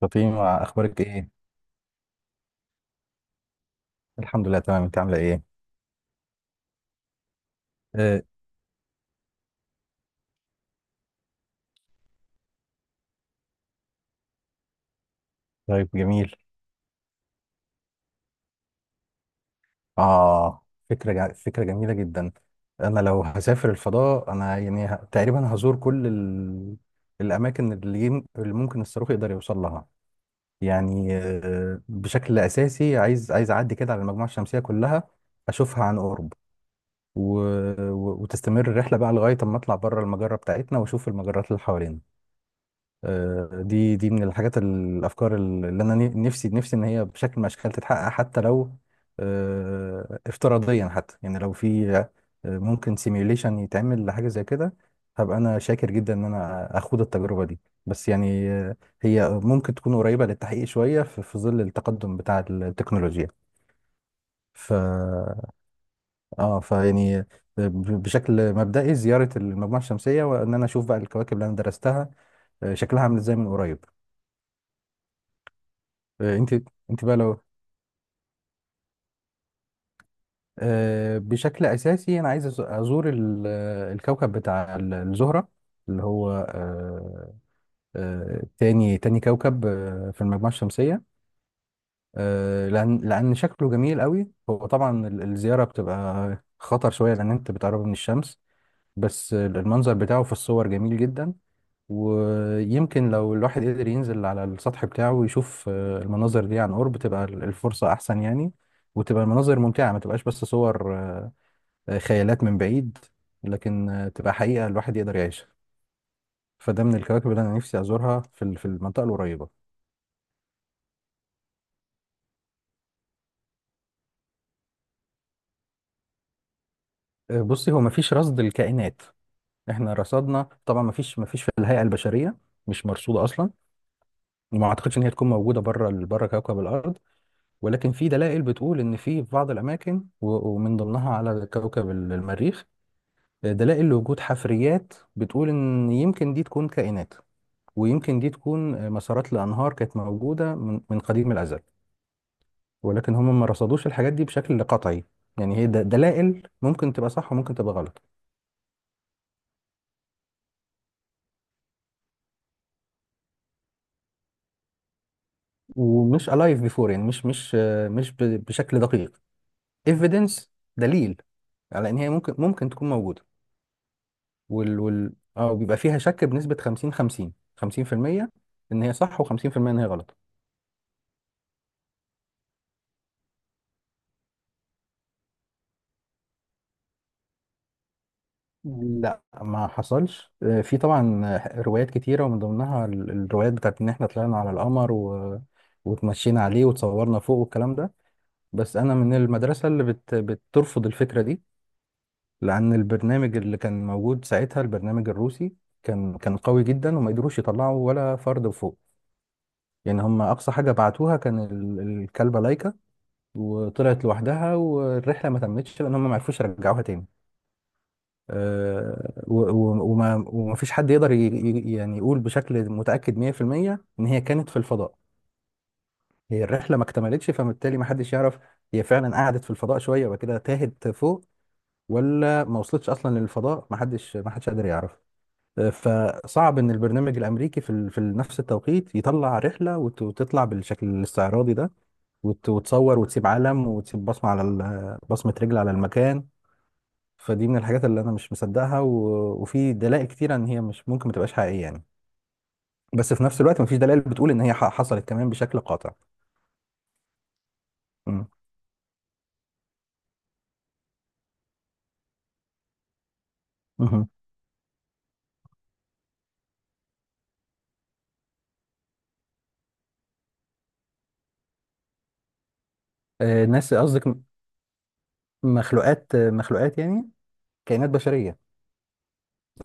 فاطمة أخبارك إيه؟ الحمد لله تمام. أنت عاملة إيه؟ آه، طيب جميل. فكرة جميلة جدا. أنا لو هسافر الفضاء أنا يعني تقريبا هزور كل الأماكن اللي ممكن الصاروخ يقدر يوصل لها. يعني بشكل أساسي عايز أعدي كده على المجموعة الشمسية كلها، أشوفها عن قرب، و... وتستمر الرحلة بقى لغاية أما أطلع بره المجرة بتاعتنا وأشوف المجرات اللي حوالينا. دي من الحاجات، الافكار اللي انا نفسي ان هي بشكل من الاشكال تتحقق، حتى لو افتراضيا، حتى يعني لو في ممكن سيميوليشن يتعمل لحاجه زي كده، هبقى انا شاكر جدا ان انا اخوض التجربه دي. بس يعني هي ممكن تكون قريبه للتحقيق شويه في ظل التقدم بتاع التكنولوجيا. ف اه فيعني بشكل مبدئي زياره المجموعه الشمسيه وان انا اشوف بقى الكواكب اللي انا درستها، شكلها عامل ازاي من قريب. آه، انت انت بقى لو آه، بشكل اساسي انا عايز ازور الكوكب بتاع الزهره، اللي هو تاني كوكب في المجموعه الشمسيه. لان شكله جميل قوي. هو طبعا الزياره بتبقى خطر شويه لان انت بتقرب من الشمس، بس المنظر بتاعه في الصور جميل جدا. ويمكن لو الواحد قدر ينزل على السطح بتاعه ويشوف المناظر دي عن قرب تبقى الفرصة أحسن يعني، وتبقى المناظر ممتعة، ما تبقاش بس صور خيالات من بعيد، لكن تبقى حقيقة الواحد يقدر يعيشها. فده من الكواكب اللي أنا نفسي أزورها في المنطقة القريبة. بصي، هو مفيش رصد الكائنات. احنا رصدنا طبعا، مفيش في الهيئة البشرية، مش مرصودة أصلا، وما أعتقدش إن هي تكون موجودة بره كوكب الأرض. ولكن في دلائل بتقول ان في بعض الاماكن و- ومن ضمنها على كوكب المريخ دلائل لوجود حفريات بتقول ان يمكن دي تكون كائنات، ويمكن دي تكون مسارات لانهار كانت موجوده من قديم الازل، ولكن هم ما رصدوش الحاجات دي بشكل قطعي. يعني هي دلائل ممكن تبقى صح وممكن تبقى غلط. ومش alive before، يعني مش مش بشكل دقيق. Evidence، دليل، على ان هي ممكن تكون موجوده. وال وال اه بيبقى فيها شك بنسبة 50 50، 50%، ان هي صح و50% ان هي غلط. لا، ما حصلش. في طبعا روايات كتيرة، ومن ضمنها الروايات بتاعت ان احنا طلعنا على القمر وتمشينا عليه وتصورنا فوق والكلام ده. بس انا من المدرسة اللي بترفض الفكرة دي، لان البرنامج اللي كان موجود ساعتها، البرنامج الروسي، كان قوي جدا وما قدروش يطلعوا ولا فرد فوق. يعني هم اقصى حاجة بعتوها كان الكلبة لايكا، وطلعت لوحدها والرحله ما تمتش لان هم ما عرفوش يرجعوها تاني. وما فيش حد يقدر يعني يقول بشكل متاكد 100% ان هي كانت في الفضاء. هي الرحله ما اكتملتش، فبالتالي ما حدش يعرف هي فعلا قعدت في الفضاء شويه وبعد كده تاهت فوق، ولا ما وصلتش اصلا للفضاء. ما حدش قادر يعرف. فصعب ان البرنامج الامريكي في نفس التوقيت يطلع رحله وتطلع بالشكل الاستعراضي ده، وتصور وتسيب علم وتسيب بصمه بصمه رجل على المكان. فدي من الحاجات اللي انا مش مصدقها، وفي دلائل كتيره ان هي مش ممكن ما تبقاش حقيقيه يعني، بس في نفس الوقت مفيش دلائل بتقول ان هي حصلت كمان بشكل قاطع. امم. مهم. ناس قصدك؟ مخلوقات يعني، كائنات بشريه.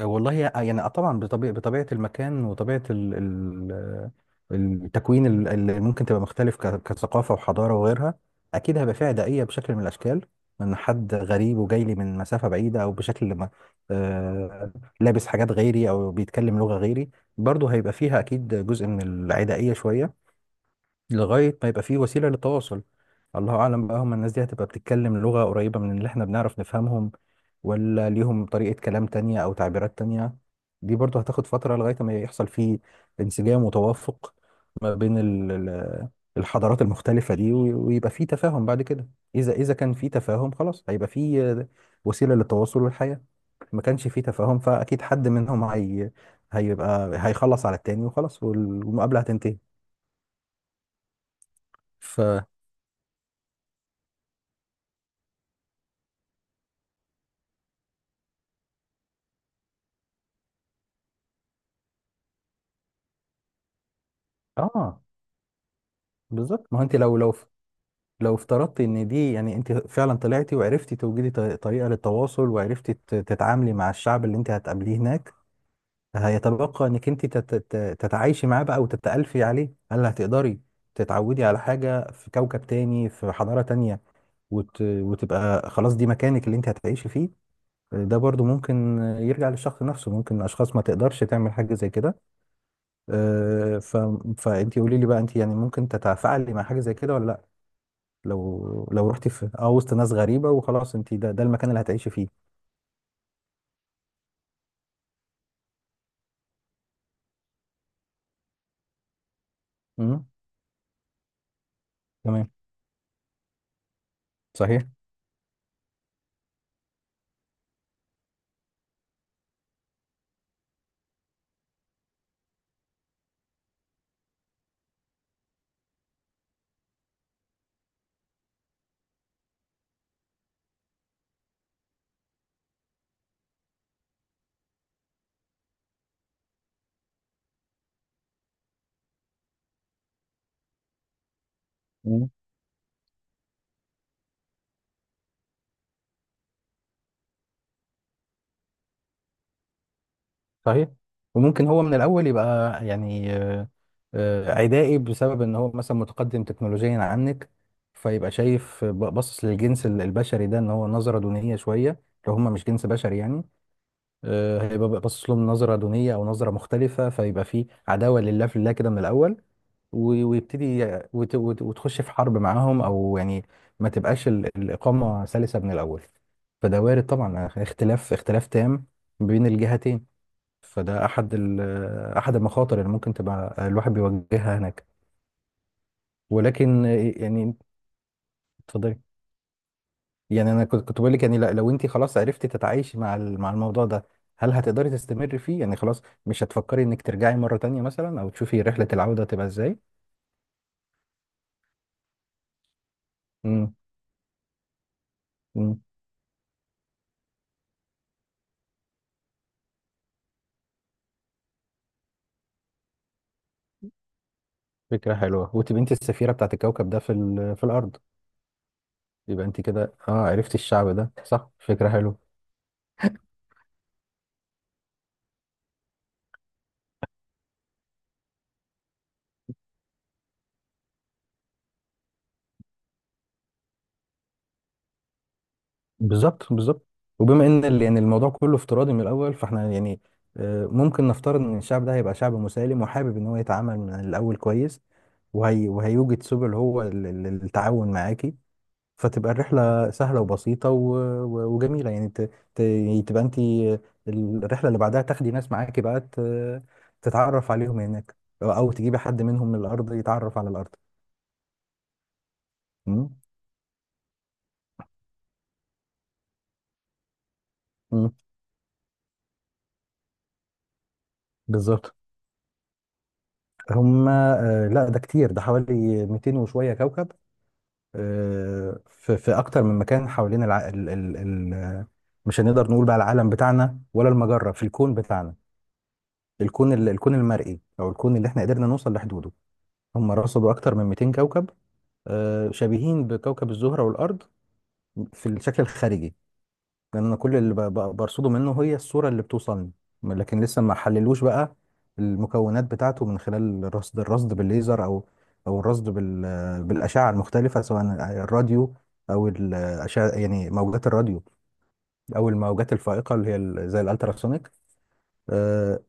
والله، يعني طبعا، بطبيعة المكان وطبيعة ال ال التكوين اللي ممكن تبقى مختلف، كثقافة وحضارة وغيرها، أكيد هيبقى فيها داعية بشكل من الأشكال من حد غريب وجاي لي من مسافة بعيدة أو بشكل ما، آه، لابس حاجات غيري أو بيتكلم لغة غيري. برضه هيبقى فيها أكيد جزء من العدائية شوية لغاية ما يبقى فيه وسيلة للتواصل. الله أعلم بقى، هم الناس دي هتبقى بتتكلم لغة قريبة من اللي احنا بنعرف نفهمهم، ولا ليهم طريقة كلام تانية أو تعبيرات تانية. دي برضه هتاخد فترة لغاية ما يحصل فيه انسجام وتوافق ما بين الحضارات المختلفة دي، ويبقى فيه تفاهم بعد كده. إذا كان فيه تفاهم، خلاص هيبقى فيه وسيلة للتواصل والحياة. ما كانش فيه تفاهم، فأكيد حد منهم هيبقى هيخلص على التاني وخلاص، والمقابلة هتنتهي. ف اه بالظبط. ما هو انت لو افترضتي ان دي، يعني انت فعلا طلعتي وعرفتي توجدي طريقه للتواصل، وعرفتي تتعاملي مع الشعب اللي انت هتقابليه هناك، هيتبقى انك انت تتعايشي معاه بقى وتتألفي عليه. هل هتقدري تتعودي على حاجه في كوكب تاني، في حضاره تانية، وتبقى خلاص دي مكانك اللي انت هتعيشي فيه؟ ده برضو ممكن يرجع للشخص نفسه. ممكن اشخاص ما تقدرش تعمل حاجه زي كده. آه، ف... فانت قولي لي بقى، انت يعني ممكن تتفاعلي مع حاجه زي كده ولا لا؟ لو رحتي في وسط ناس غريبة، وخلاص انت ده المكان اللي هتعيشي فيه. امم، تمام. صحيح. امم. صحيح. وممكن هو من الأول يبقى، يعني عدائي، بسبب ان هو مثلا متقدم تكنولوجيا عنك، فيبقى شايف باصص للجنس البشري ده ان هو نظرة دونية شوية، لو هم مش جنس بشري يعني. هيبقى بقى باصص لهم نظره دونيه او نظره مختلفه، فيبقى في عداوه لله في الله كده من الاول ويبتدي وتخش في حرب معاهم، او يعني ما تبقاش الاقامه سلسه من الاول. فده وارد طبعا، اختلاف تام بين الجهتين. فده احد احد المخاطر اللي ممكن تبقى الواحد بيواجهها هناك. ولكن يعني، اتفضلي. يعني انا كنت بقول لك، يعني لو انت خلاص عرفتي تتعايشي مع الموضوع ده، هل هتقدري تستمري فيه، يعني خلاص مش هتفكري انك ترجعي مرة تانية مثلا، او تشوفي رحلة العودة تبقى ازاي؟ امم. امم. فكرة حلوة، وتبقي انت السفيرة بتاعت الكوكب ده في الارض. يبقى انت كده عرفتي الشعب ده. صح، فكرة حلوة. بالظبط، بالظبط. وبما ان يعني الموضوع كله افتراضي من الاول، فاحنا يعني ممكن نفترض ان الشعب ده هيبقى شعب مسالم، وحابب ان هو يتعامل من الاول كويس، وهيوجد سبل هو للتعاون معاكي، فتبقى الرحلة سهلة وبسيطة وجميلة، يعني يعني تبقى انت الرحلة اللي بعدها تاخدي ناس معاكي بقى، تتعرف عليهم هناك، او تجيبي حد منهم من الارض يتعرف على الارض. مم. مم. بالظبط. هم لا، ده كتير، ده حوالي 200 وشوية كوكب. في اكتر من مكان حوالين الع... ال... ال... ال... مش هنقدر نقول بقى العالم بتاعنا، ولا المجرة في الكون بتاعنا، الكون الكون المرئي، او الكون اللي احنا قدرنا نوصل لحدوده. هم رصدوا أكتر من 200 كوكب شبيهين بكوكب الزهرة والأرض في الشكل الخارجي، لأن كل اللي برصده منه هي الصورة اللي بتوصلني، لكن لسه ما حللوش بقى المكونات بتاعته من خلال الرصد بالليزر، أو أو الرصد بالأشعة المختلفة، سواء الراديو، أو الأشعة يعني موجات الراديو، أو الموجات الفائقة اللي هي زي الألتراسونيك. آه،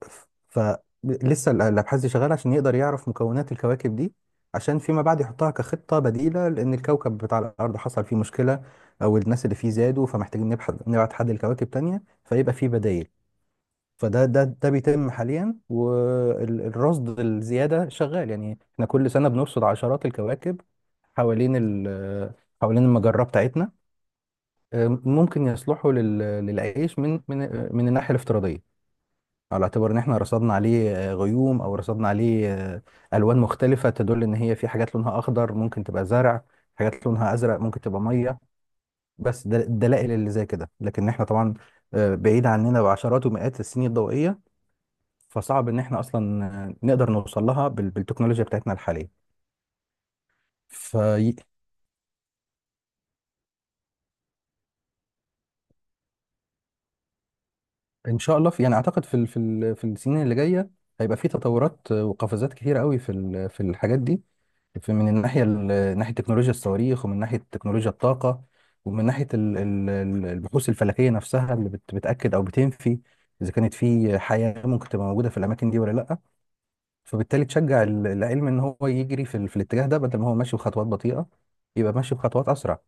ف- فلسه الابحاث دي شغاله عشان يقدر يعرف مكونات الكواكب دي، عشان فيما بعد يحطها كخطه بديله، لان الكوكب بتاع الارض حصل فيه مشكله، او الناس اللي فيه زادوا، فمحتاجين نبحث نبعت حد لكواكب تانية فيبقى فيه بدائل. فده ده ده بيتم حاليا، والرصد الزياده شغال. يعني احنا كل سنه بنرصد عشرات الكواكب حوالين ال- حوالين المجره بتاعتنا، ممكن يصلحوا للعيش من الناحيه الافتراضيه، على اعتبار ان احنا رصدنا عليه غيوم، او رصدنا عليه الوان مختلفه تدل ان هي في حاجات لونها اخضر ممكن تبقى زرع، حاجات لونها ازرق ممكن تبقى ميه. بس ده الدلائل اللي زي كده. لكن احنا طبعا بعيد عننا بعشرات ومئات السنين الضوئيه، فصعب ان احنا اصلا نقدر نوصل لها بالتكنولوجيا بتاعتنا الحاليه. ان شاء الله، في يعني اعتقد في السنين اللي جايه هيبقى في تطورات وقفزات كتيره قوي في الحاجات دي، في من الناحيه ناحيه تكنولوجيا الصواريخ، ومن ناحيه تكنولوجيا الطاقه، ومن ناحيه البحوث الفلكيه نفسها اللي بتاكد او بتنفي اذا كانت في حياه ممكن تبقى موجوده في الاماكن دي ولا لا، فبالتالي تشجع العلم ان هو يجري في الاتجاه ده، بدل ما هو ماشي بخطوات بطيئه يبقى ماشي بخطوات اسرع.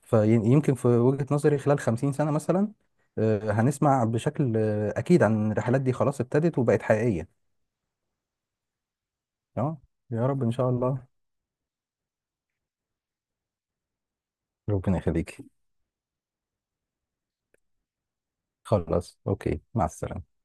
فيمكن في وجهة نظري خلال 50 سنة مثلا هنسمع بشكل أكيد عن الرحلات دي، خلاص ابتدت وبقت حقيقية. اه. يا رب إن شاء الله. ربنا يخليك. خلاص، أوكي، مع السلامة.